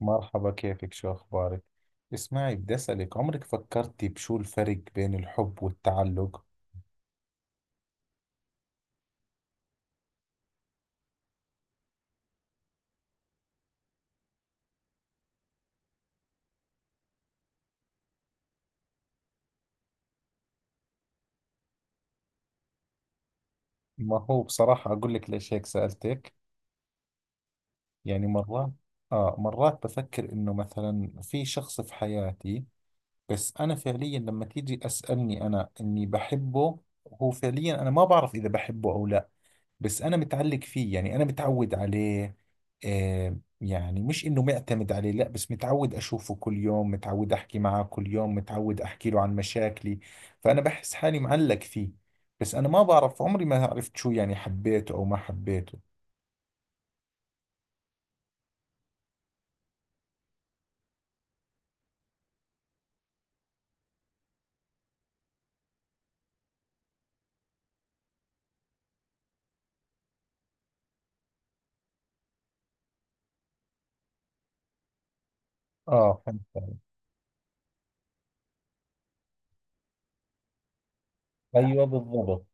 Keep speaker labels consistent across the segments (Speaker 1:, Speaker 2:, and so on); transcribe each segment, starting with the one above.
Speaker 1: مرحبا، كيفك؟ شو أخبارك؟ اسمعي، بدي أسألك، عمرك فكرتي بشو الفرق بين الحب والتعلق؟ ما هو بصراحة أقول لك ليش هيك سألتك. يعني مرات مرات بفكر إنه مثلا في شخص في حياتي، بس أنا فعليا لما تيجي أسألني أنا إني بحبه، هو فعليا أنا ما بعرف إذا بحبه أو لا. بس انا متعلق فيه، يعني انا متعود عليه. يعني مش انه معتمد عليه، لا، بس متعود اشوفه كل يوم، متعود احكي معه كل يوم، متعود احكي له عن مشاكلي، فانا بحس حالي معلق فيه. بس انا ما بعرف، عمري ما عرفت شو يعني، حبيته او ما حبيته. اه، فهمت علي. ايوه بالضبط.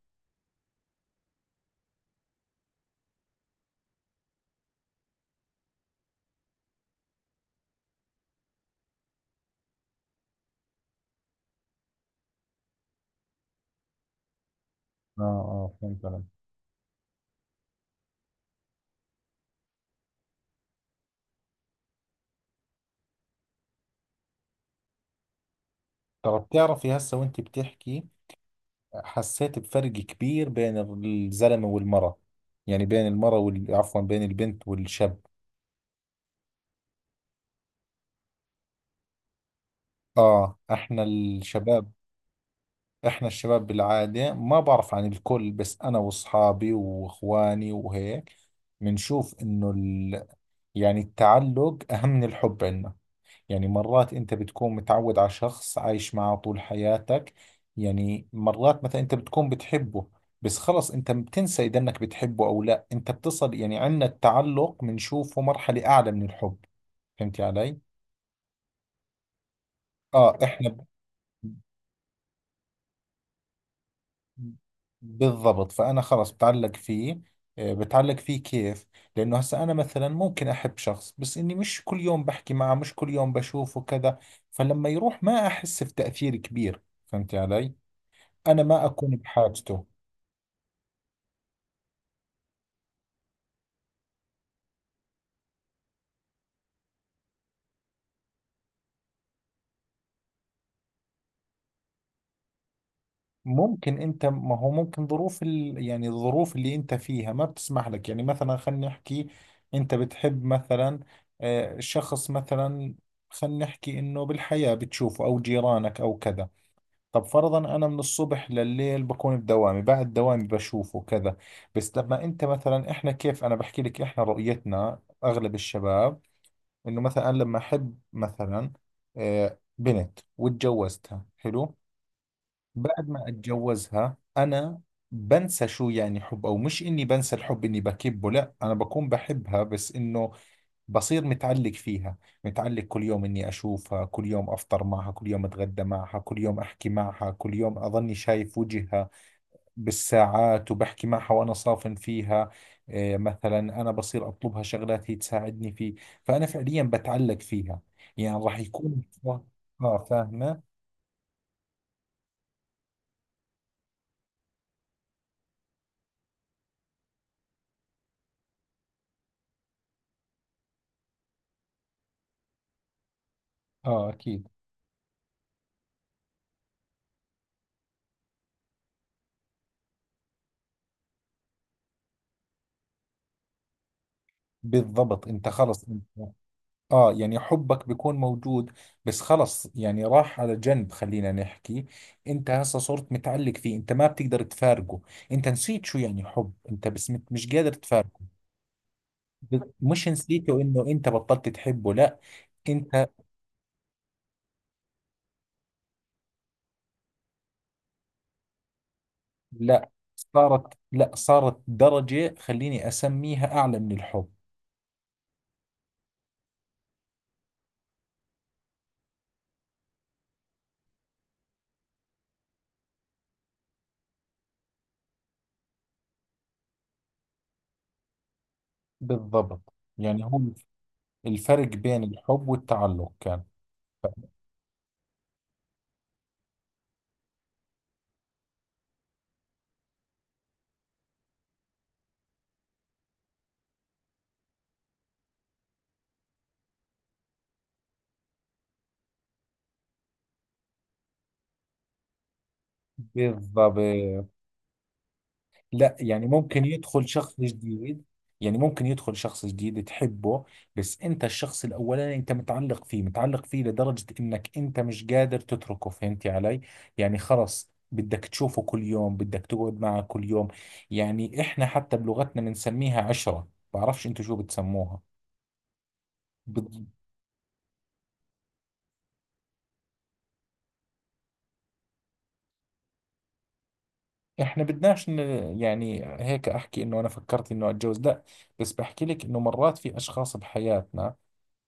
Speaker 1: اه اه فهمت علي. طب بتعرفي، هسه وانت بتحكي حسيت بفرق كبير بين الزلمة والمرأة، يعني بين المرأة عفوا، بين البنت والشاب. اه، احنا الشباب، احنا الشباب بالعادة، ما بعرف عن الكل بس انا واصحابي واخواني وهيك، بنشوف انه يعني التعلق اهم من الحب عندنا. يعني مرات انت بتكون متعود على شخص عايش معه طول حياتك، يعني مرات مثلا انت بتكون بتحبه بس خلص انت بتنسى اذا انك بتحبه او لا، انت بتصل، يعني عندنا التعلق بنشوفه مرحلة اعلى من الحب. فهمت علي؟ اه احنا بالضبط، فأنا خلص بتعلق فيه. بتعلق فيه كيف؟ لأنه هسا أنا مثلا ممكن أحب شخص بس إني مش كل يوم بحكي معه، مش كل يوم بشوفه كذا، فلما يروح ما أحس بتأثير كبير. فهمت علي؟ أنا ما أكون بحاجته. ممكن أنت، ما هو ممكن ظروف يعني الظروف اللي أنت فيها ما بتسمح لك، يعني مثلا خلينا نحكي، أنت بتحب مثلا شخص مثلا، خلينا نحكي إنه بالحياة بتشوفه أو جيرانك أو كذا، طب فرضا انا من الصبح لليل بكون بدوامي، بعد دوامي بشوفه كذا. بس لما انت مثلا، احنا كيف انا بحكي لك، احنا رؤيتنا اغلب الشباب، انه مثلا أنا لما احب مثلا بنت وتجوزتها، حلو، بعد ما اتجوزها انا بنسى شو يعني حب، او مش اني بنسى الحب اني بكبه، لا انا بكون بحبها بس انه بصير متعلق فيها، متعلق كل يوم إني أشوفها، كل يوم أفطر معها، كل يوم أتغدى معها، كل يوم أحكي معها، كل يوم أظني شايف وجهها بالساعات، وبحكي معها وأنا صافن فيها. إيه، مثلا أنا بصير أطلبها شغلات هي تساعدني فيه، فأنا فعليا بتعلق فيها، يعني راح يكون. آه، فاهمة. آه أكيد. بالضبط، أنت خلص أنت، اه يعني حبك بيكون موجود بس خلص، يعني راح على جنب، خلينا نحكي، انت هسه صرت متعلق فيه، انت ما بتقدر تفارقه، انت نسيت شو يعني حب، انت بس مش قادر تفارقه. مش نسيته انه انت بطلت تحبه، لا. انت. لا، صارت، لا صارت درجة خليني اسميها اعلى من الحب. بالضبط يعني هو الفرق بين الحب والتعلق كان. بالضبط. لا، يعني ممكن يدخل شخص جديد، يعني ممكن يدخل شخص جديد تحبه، بس انت الشخص الاولاني انت متعلق فيه، متعلق فيه لدرجة انك انت مش قادر تتركه، فهمتي علي؟ يعني خلص بدك تشوفه كل يوم، بدك تقعد معه كل يوم. يعني احنا حتى بلغتنا بنسميها عشرة، بعرفش انتوا شو بتسموها. بد... احنا يعني هيك احكي انه انا فكرت انه اتجوز، لا، بس بحكي لك انه مرات في اشخاص بحياتنا،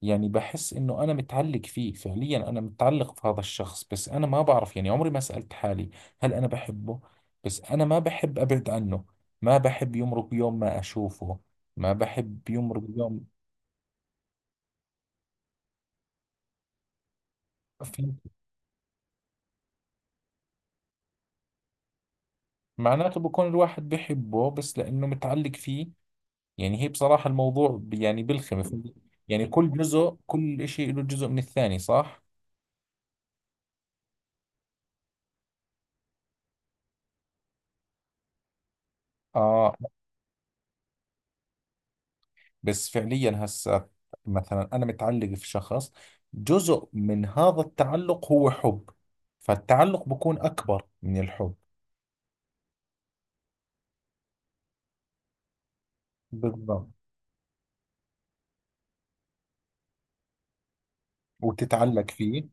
Speaker 1: يعني بحس انه انا متعلق فيه، فعليا انا متعلق في هذا الشخص بس انا ما بعرف، يعني عمري ما سألت حالي هل انا بحبه، بس انا ما بحب ابعد عنه، ما بحب يمرق يوم ما اشوفه، ما بحب يمرق يوم. فهمت. معناته بكون الواحد بحبه بس لانه متعلق فيه. يعني هي بصراحة الموضوع يعني بلخم، فهمت؟ يعني كل جزء، كل اشي له جزء من الثاني، صح؟ اه. بس فعليا هسه مثلا انا متعلق في شخص، جزء من هذا التعلق هو حب، فالتعلق بكون اكبر من الحب. بالضبط. وتتعلق فيه.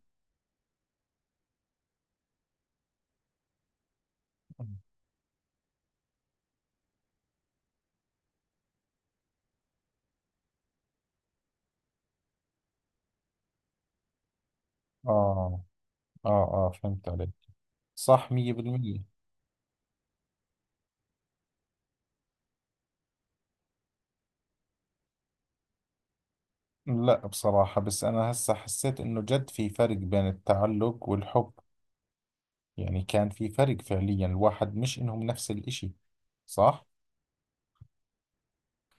Speaker 1: اه اه اه، فهمت عليك. صح 100%. لا بصراحة، بس انا هسه حسيت انه جد في فرق بين التعلق والحب، يعني كان في فرق فعليا، الواحد مش انهم نفس الاشي، صح.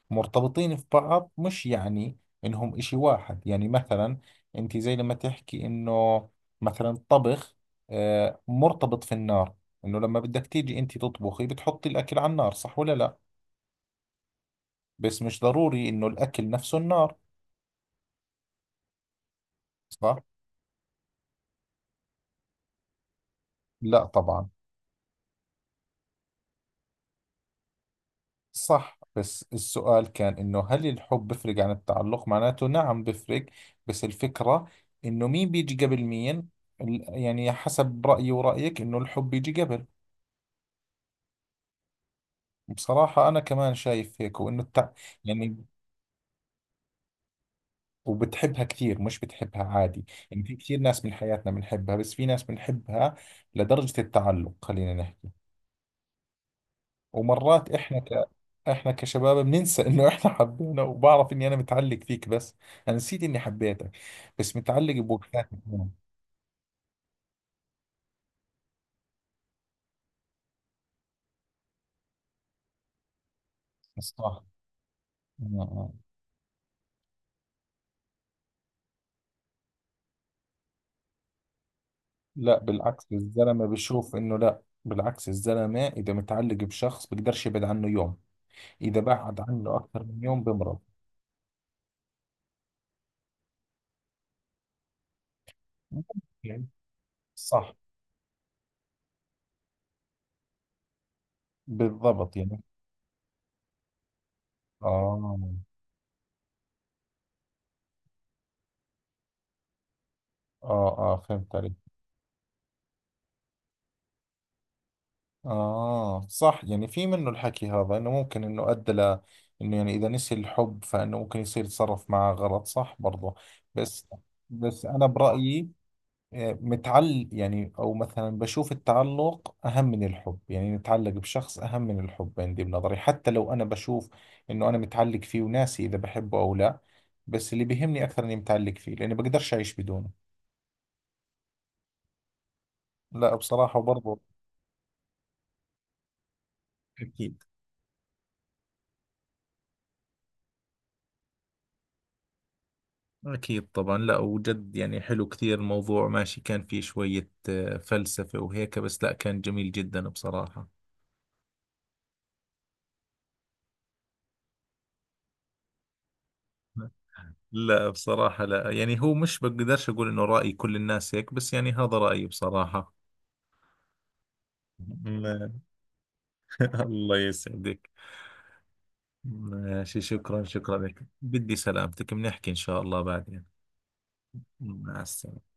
Speaker 1: مرتبطين في بعض، مش يعني انهم اشي واحد. يعني مثلا انت زي لما تحكي انه مثلا الطبخ مرتبط في النار، انه لما بدك تيجي انت تطبخي بتحطي الاكل على النار، صح ولا لا؟ بس مش ضروري انه الاكل نفسه النار. صح. لا طبعا. صح، بس السؤال كان انه هل الحب بفرق عن التعلق؟ معناته نعم بفرق، بس الفكرة انه مين بيجي قبل مين، يعني حسب رأيي ورأيك انه الحب بيجي قبل. بصراحة أنا كمان شايف هيك، وإنه يعني وبتحبها كثير، مش بتحبها عادي. يعني في كثير ناس من حياتنا بنحبها، بس في ناس بنحبها لدرجة التعلق خلينا نحكي. ومرات إحنا كشباب بننسى إنه إحنا حبينا، وبعرف إني أنا متعلق فيك، بس أنا نسيت إني حبيتك، بس متعلق بوقتات اليوم. صح. آه. آه. لا بالعكس، الزلمة بشوف إنه، لا بالعكس، الزلمة إذا متعلق بشخص بقدرش يبعد عنه يوم، إذا بعد عنه أكثر من يوم بمرض. يعني صح. بالضبط يعني. آه آه آه، فهمت عليك. آه صح، يعني في منه الحكي هذا، إنه ممكن إنه أدى ل، إنه يعني إذا نسي الحب فإنه ممكن يصير يتصرف معه غلط، صح برضه. بس، بس أنا برأيي، آه، متعل يعني، أو مثلا بشوف التعلق أهم من الحب، يعني نتعلق بشخص أهم من الحب عندي بنظري، حتى لو أنا بشوف إنه أنا متعلق فيه وناسي إذا بحبه أو لا، بس اللي بيهمني أكثر إني متعلق فيه، لأني بقدرش أعيش بدونه. لا بصراحة برضو. أكيد. أكيد طبعا، لا وجد، يعني حلو كثير الموضوع، ماشي، كان فيه شوية فلسفة وهيك، بس لا كان جميل جدا بصراحة. لا بصراحة، لا، يعني هو مش بقدرش أقول إنه رأي كل الناس هيك، بس يعني هذا رأيي بصراحة. ما- الله يسعدك. ماشي، شكرا، شكرا لك، بدي سلامتك، بنحكي إن شاء الله بعدين. مع السلامة.